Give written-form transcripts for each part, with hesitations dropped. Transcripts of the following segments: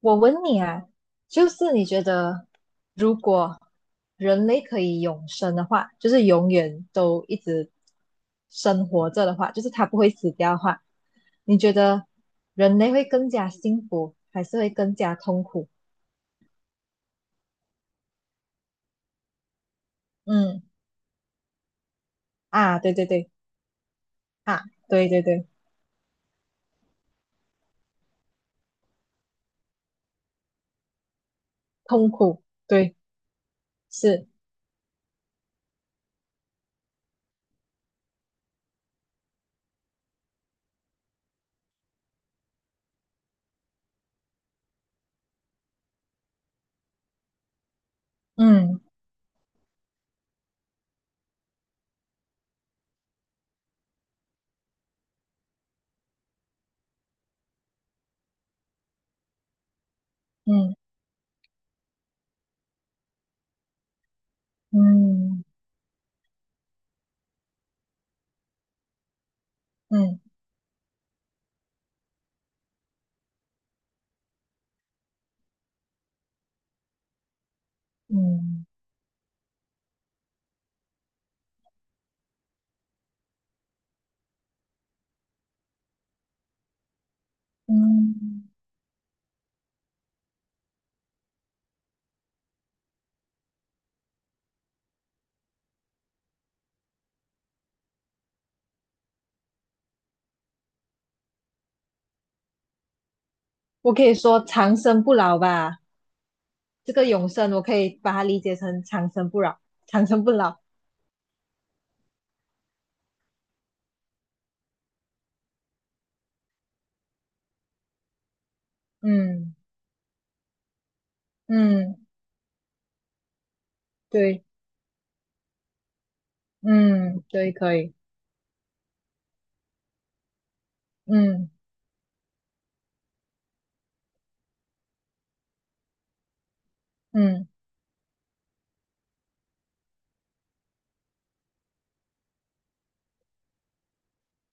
我问你啊，就是你觉得如果人类可以永生的话，就是永远都一直生活着的话，就是它不会死掉的话，你觉得人类会更加幸福，还是会更加痛苦？嗯，啊，对对对。啊，对对对。痛苦。对。是。嗯嗯嗯嗯嗯嗯。嗯，我可以说长生不老吧。这个永生，我可以把它理解成长生不老，长生不老。嗯嗯，对。嗯，对，可以。嗯嗯。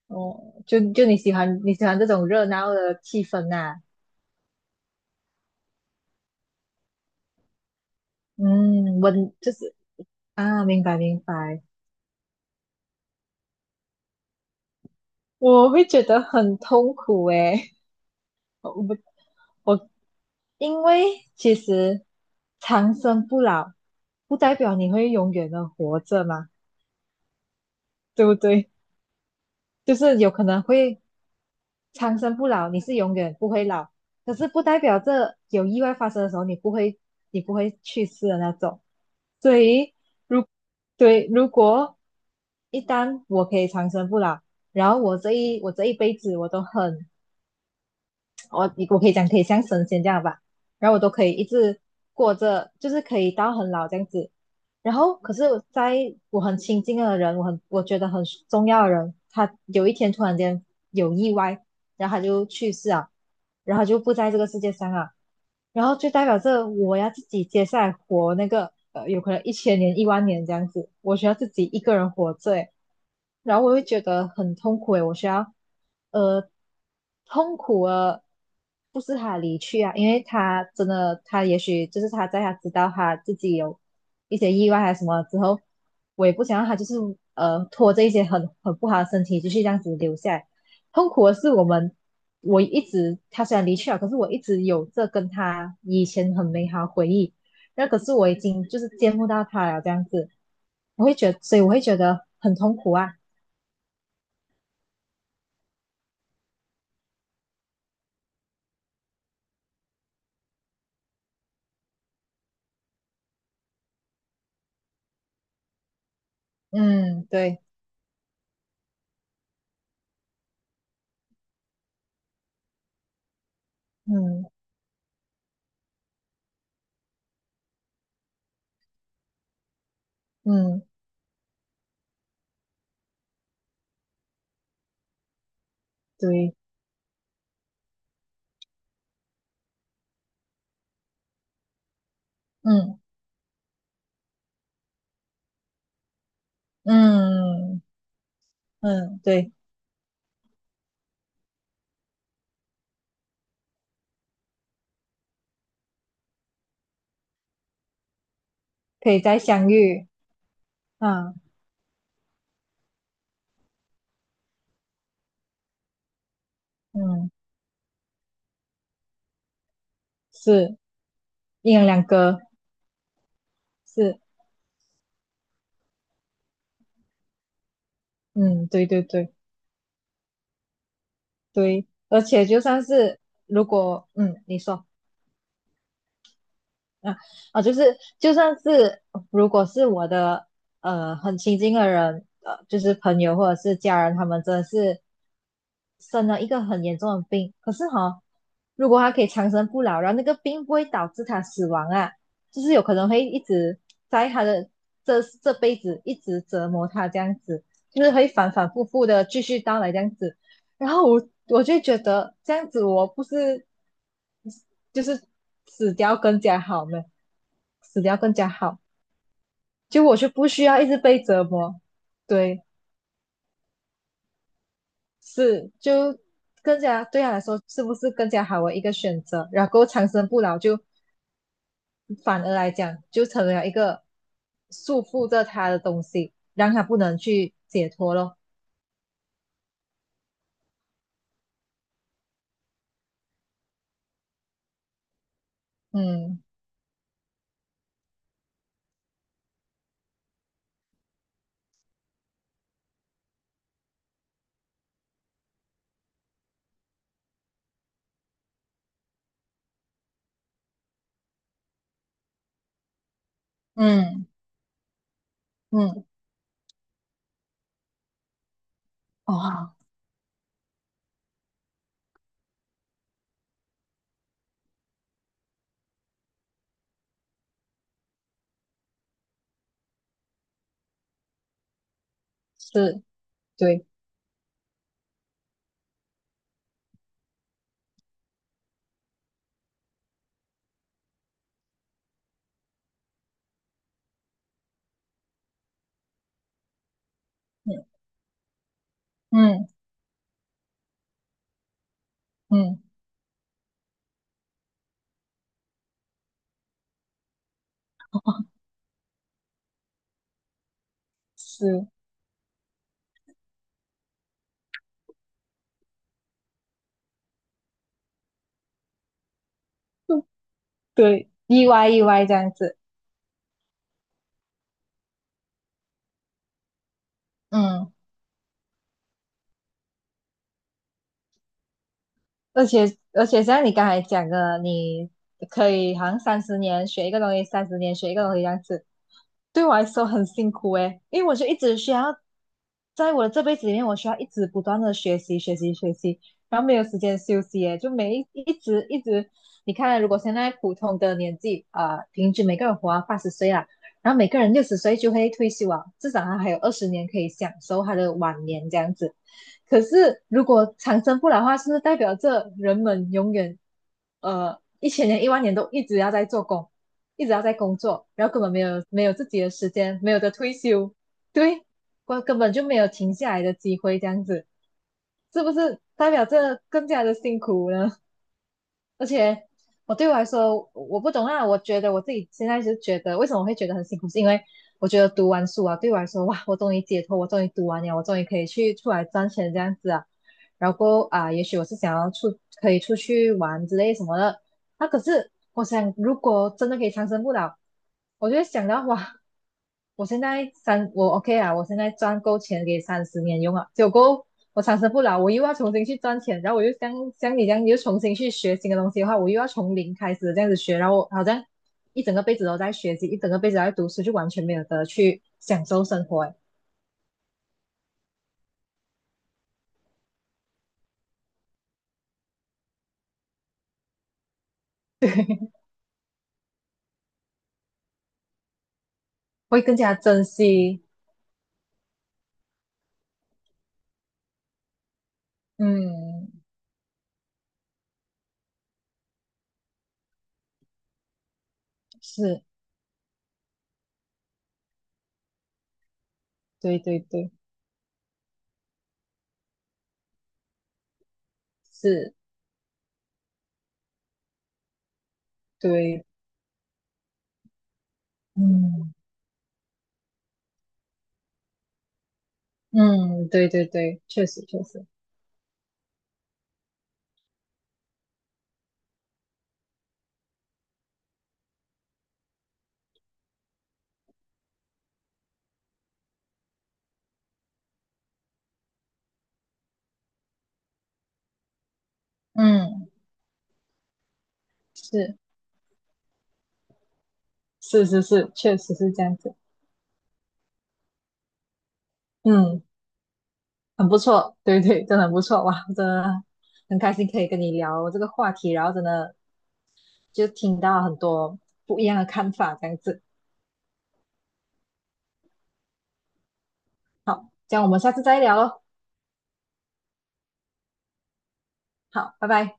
哦，就你喜欢这种热闹的气氛呐、嗯，我就是啊，明白明白。我会觉得很痛苦诶，我不我因为其实长生不老不代表你会永远的活着嘛，对不对？就是有可能会长生不老，你是永远不会老，可是不代表这有意外发生的时候你不会去世的那种。所以如对如果一旦我可以长生不老，然后我这一辈子我都很我可以讲可以像神仙这样吧，然后我都可以一直过着，就是可以到很老这样子。然后可是，在我很亲近的人，我觉得很重要的人，他有一天突然间有意外，然后他就去世啊，然后就不在这个世界上啊，然后就代表着我要自己接下来活那个有可能一千年、一万年这样子，我需要自己一个人活着诶，然后我会觉得很痛苦诶，我需要呃痛苦啊，不是他的离去啊，因为他真的他也许就是他在他知道他自己有一些意外还是什么之后，我也不想让他就是拖着一些很不好的身体继续这样子留下来。痛苦的是我们，我一直他虽然离去了，可是我一直有这跟他以前很美好的回忆。那可是我已经就是见不到他了，这样子，我会觉得，所以我会觉得很痛苦啊。嗯，对。嗯嗯，对。嗯嗯嗯，对。可以再相遇。啊，嗯，是，一人两个。是。嗯，对对对对。而且就算是如果，嗯，你说。啊，啊，就是就算是如果是我的很亲近的人，就是朋友或者是家人，他们真的是生了一个很严重的病，可是哈、如果他可以长生不老，然后那个病不会导致他死亡啊，就是有可能会一直在他的这辈子一直折磨他这样子，就是会反反复复的继续到来这样子。然后我就觉得这样子我不是就是死掉更加好呢，死掉更加好，就我就不需要一直被折磨。对。是，就更加对他来说是不是更加好的一个选择？然后长生不老就反而来讲就成了一个束缚着他的东西，让他不能去解脱咯。嗯嗯嗯。嗯，哦，是，对。嗯嗯嗯，是，对，意外意外这样子。嗯。而且，而且像你刚才讲的，你可以好像三十年学一个东西，三十年学一个东西这样子，对我来说很辛苦诶，因为我就一直需要，在我的这辈子里面，我需要一直不断的学习学习学习，然后没有时间休息诶，就每一一直一直，你看，如果现在普通的年纪啊、平均每个人活到80岁啦，然后每个人60岁就会退休啊，至少他还有20年可以享受他的晚年这样子。可是如果长生不老的话，是不是代表着人们永远一千年、一万年都一直要在做工，一直要在工作，然后根本没有自己的时间，没有的退休。对。根本就没有停下来的机会，这样子，是不是代表着更加的辛苦呢？而且，对我来说，我不懂啊。我觉得我自己现在就觉得，为什么会觉得很辛苦，是因为我觉得读完书啊，对我来说，哇，我终于解脱，我终于读完了，我终于可以去出来赚钱这样子啊。然后啊，也许我是想要出，可以出去玩之类什么的。那、可是我想，如果真的可以长生不老，我就会想到哇，我 OK 啊，我现在赚够钱给三十年用啊，结果我长生不老，我又要重新去赚钱，然后我又像像你这样，你又重新去学新的东西的话，我又要从零开始这样子学，然后我好像一整个辈子都在学习，一整个辈子都在读书，就完全没有得去享受生活诶，会更加珍惜。嗯，是，对对对。是。对。嗯嗯，对对对，确实确实。嗯，是是是是，确实是这样子。嗯。很不错，对对，真的很不错哇，真的很开心可以跟你聊这个话题，然后真的就听到很多不一样的看法，这样子。好，这样我们下次再聊喽。好，拜拜。